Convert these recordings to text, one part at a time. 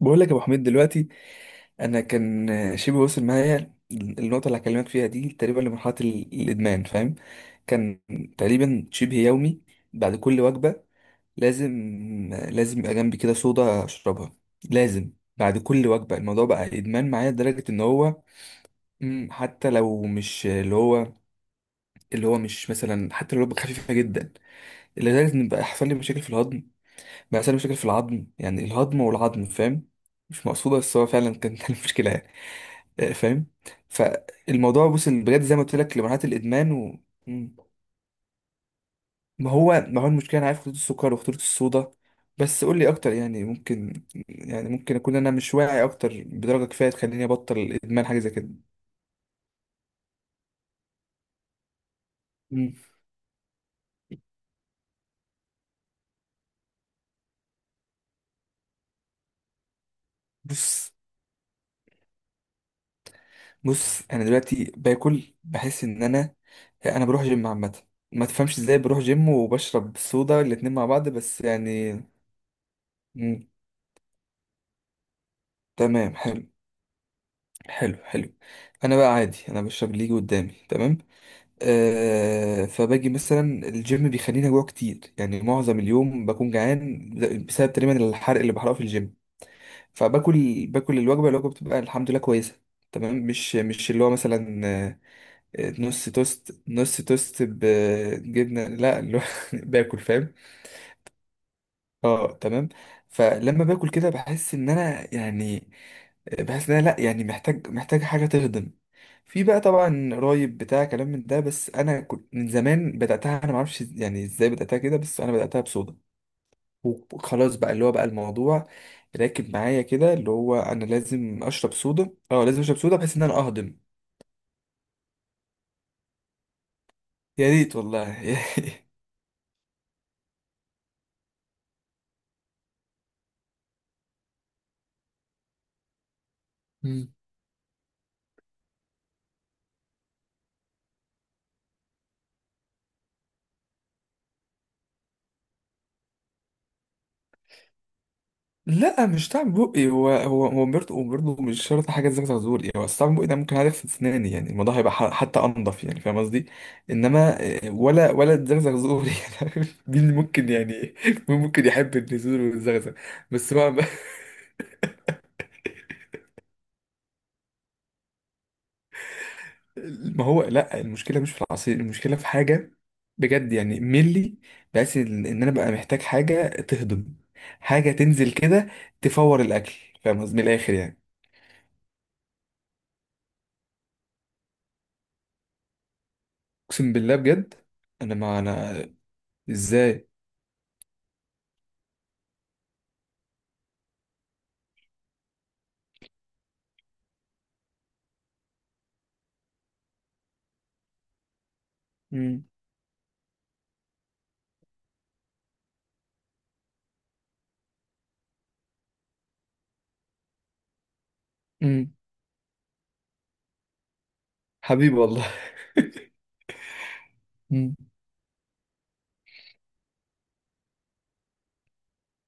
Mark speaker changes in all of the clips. Speaker 1: بقول لك يا ابو حميد دلوقتي. انا كان شبه وصل معايا النقطه اللي هكلمك فيها دي تقريبا لمرحله الادمان. فاهم. كان تقريبا شبه يومي بعد كل وجبه. لازم لازم يبقى جنبي كده صودا اشربها. لازم بعد كل وجبه الموضوع بقى ادمان معايا، لدرجه ان هو، حتى لو مش اللي هو. اللي هو مش مثلا، حتى لو وجبه خفيفه جدا، لدرجه ان بقى يحصل لي مشاكل في الهضم، بقى يحصل لي مشاكل في العظم، يعني الهضم والعظم، فاهم. مش مقصوده، بس هو فعلا كان كان مشكله. آه، فاهم. فالموضوع، بص بجد زي ما قلت لك، لمرحله الادمان و... مم. ما هو المشكله، انا عارف خطوط السكر وخطوط الصودا. بس قول لي اكتر، يعني ممكن، يعني ممكن اكون انا مش واعي اكتر بدرجه كفايه تخليني ابطل الادمان، حاجه زي كده. مم. بص بص انا دلوقتي باكل، بحس ان انا بروح جيم عامه. ما تفهمش ازاي بروح جيم وبشرب صودا الاتنين مع بعض، بس يعني. مم. تمام، حلو. حلو، حلو. انا بقى عادي، انا بشرب اللي يجي قدامي. تمام. آه، فباجي مثلا الجيم بيخليني اجوع كتير، يعني معظم اليوم بكون جعان بسبب تقريبا الحرق اللي بحرقه في الجيم. فباكل، باكل الوجبه، الوجبه بتبقى الحمد لله كويسه. تمام، مش اللي هو مثلا، آه،. آه، نص توست، نص توست بجبنه، لا اللي هو باكل، فاهم. اه تمام. فلما باكل كده بحس ان انا، يعني بحس ان انا، لا يعني محتاج حاجه تهضم. في بقى طبعا قرايب بتاع كلام من ده، بس انا كنت من زمان بداتها، انا ما اعرفش يعني ازاي بداتها كده، بس انا بداتها بصودا. وخلاص، بقى اللي هو بقى الموضوع راكب معايا كده، اللي هو انا لازم اشرب صودا، اه لازم اشرب صودا بحيث ان انا اهضم. يا ريت والله. لا، مش طعم بقي، هو برضه مش شرط حاجه زي ما تقول. هو أصل طعم بقي ده ممكن، عارف، في اسناني، يعني الموضوع هيبقى ح- حتى انضف، يعني فاهم قصدي. انما آه، ولا الزغزغ زور، يعني عارف؟ مين ممكن يعني، مين ممكن يحب النزول والزغزغ. بس ما ما هو لا، المشكله مش في العصير، المشكله في حاجه بجد يعني ملي، بحيث إن انا بقى محتاج حاجه تهضم، حاجه تنزل كده تفور الاكل، فاهم قصدي من الاخر، يعني. اقسم بالله بجد. انا، ما انا، ازاي. مم. مم. حبيبي والله. مم.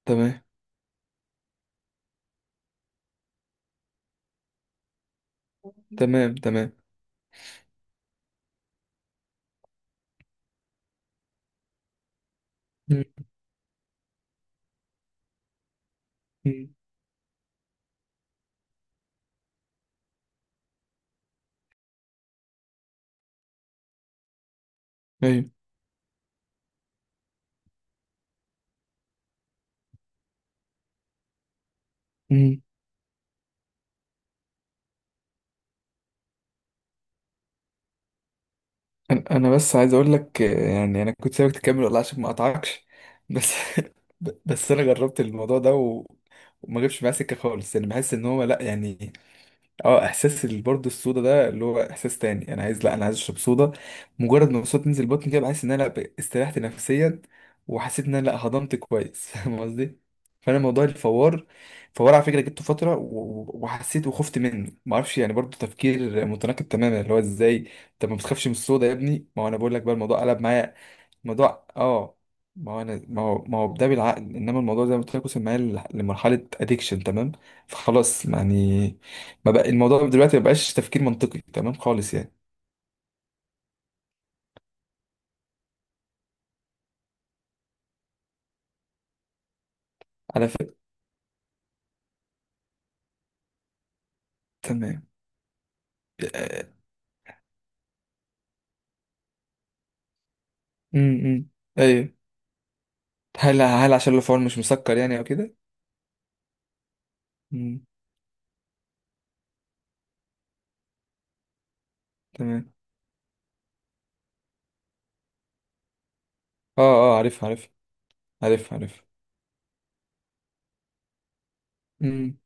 Speaker 1: تمام. تمام، تمام. مم. مم. ايوه. مم. انا، بس عايز اقول لك آه، يعني انا كنت سايبك تكمل والله عشان ما اقطعكش، بس بس انا جربت الموضوع ده و... وما جبش معايا سكه خالص، يعني بحس ان هو لا يعني، اه احساس برضه الصودا ده، اللي هو احساس تاني انا عايز، لا انا عايز اشرب صودا. مجرد ما الصوت تنزل بطني كده، بحس ان انا ب- استريحت نفسيا، وحسيت ان انا لا هضمت كويس فاهم قصدي. فانا موضوع الفوار، فوار على فكره جبته فتره، و- و- وحسيت وخفت منه، ما اعرفش يعني، برضه تفكير متناقض تماما، اللي هو ازاي. طب ما بتخافش من الصودا يا ابني، ما هو انا بقول لك بقى الموضوع قلب معايا. موضوع اه. ما هو انا، ما هو ده بالعقل، انما الموضوع زي ما قلت لك وصل معايا لمرحله اديكشن، تمام. فخلاص يعني ما بقى الموضوع دلوقتي، ما بقاش تفكير منطقي تمام خالص، يعني. على فكره. تمام. آه،. امم. ايوه. هل عشان الفور مش مسكر يعني او كده. امم. تمام. اه، اه، عارف، عارف. عارف، عارف. امم.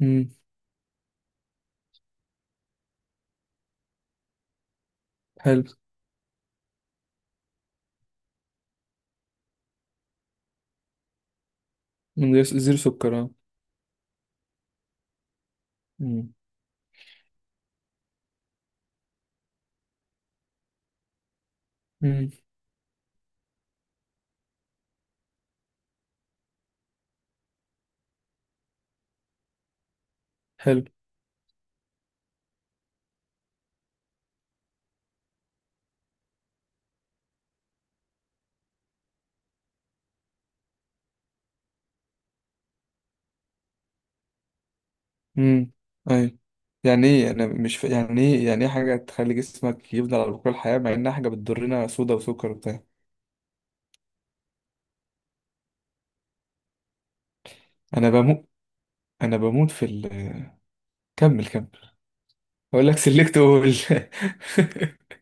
Speaker 1: امم. حلو. من غير س- زيرو سكر، اه. امم. امم. حلو. امم. اي. يعني ايه، انا مش ف... يعني ايه، يعني ايه حاجه تخلي جسمك يفضل على طول الحياه، مع انها حاجه بتضرنا، صودا وسكر وبتاع. انا بموت. انا بموت في ال- كمل، كمل. اقول لك سلكت اول.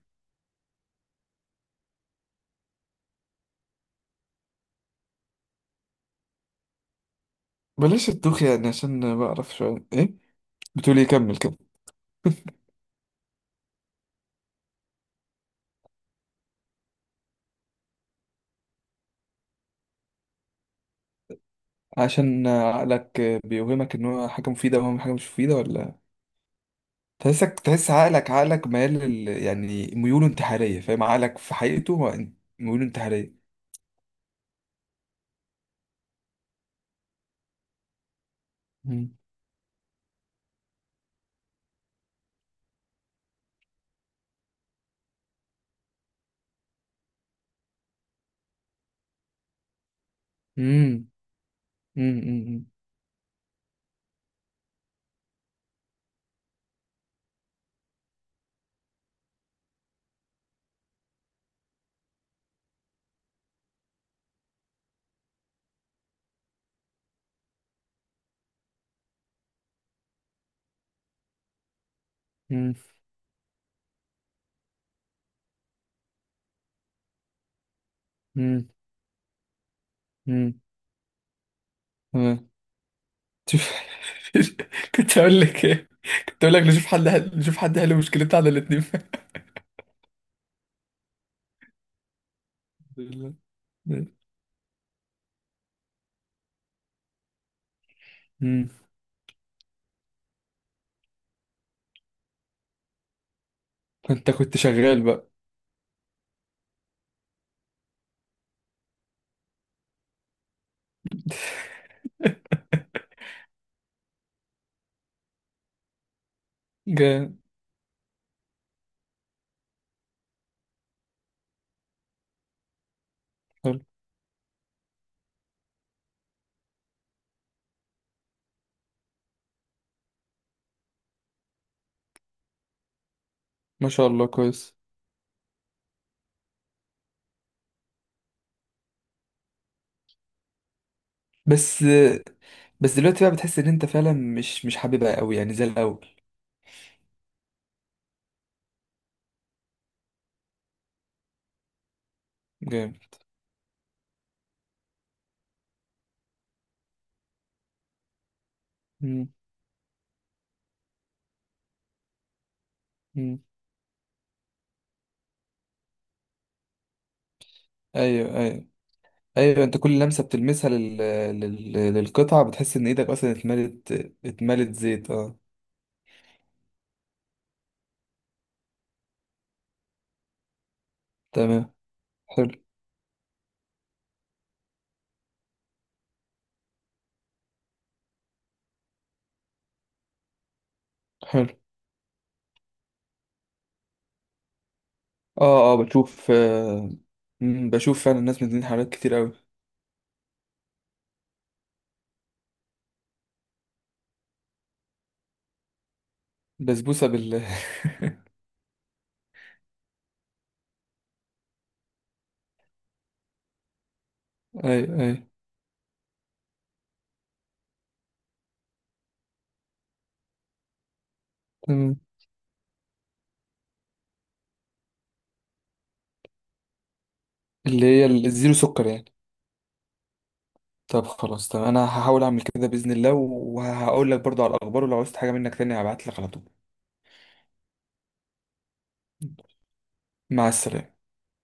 Speaker 1: بلاش التوخ يعني عشان بعرف شويه، ايه. بتقول ايه، كمل، كمل. عشان عقلك بيوهمك ان هو حاجه مفيده، وهو حاجه مش مفيده، ولا. تحسك، تحس عقلك، عقلك ميال لل... يعني ميوله انتحاريه، فاهم، عقلك في حقيقته هو ميوله انتحاريه. امم. امم. مم. مم. مم. تمام. شوف، كنت هقول لك ايه. كنت هقول لك نشوف نشوف حد حل مشكلتنا على الاتنين. فعلا. مم. انت كنت شغال بقى. جامد. حلو. ما شاء الله، كويس. بس، دلوقتي بقى بتحس ان انت فعلا مش حاببها قوي يعني زي الاول. جامد. مم. مم. ايوه، ايوه، ايوه. انت كل لمسه بتلمسها لل...، للقطعه بتحس ان ايدك اصلا اتملت. اتملت زيت، اه. تمام. حلو، حلو. اه، اه، بشوف، آه،. بشوف فعلا الناس منزلين حاجات كتير قوي. بسبوسة بال اي، اي. تمام. اللي هي الزيرو سكر يعني. طب خلاص، طب انا هحاول اعمل كده بإذن الله، وهقول لك برضو على الاخبار، ولو عوزت حاجة منك تاني هبعت لك على طول. مع السلامة.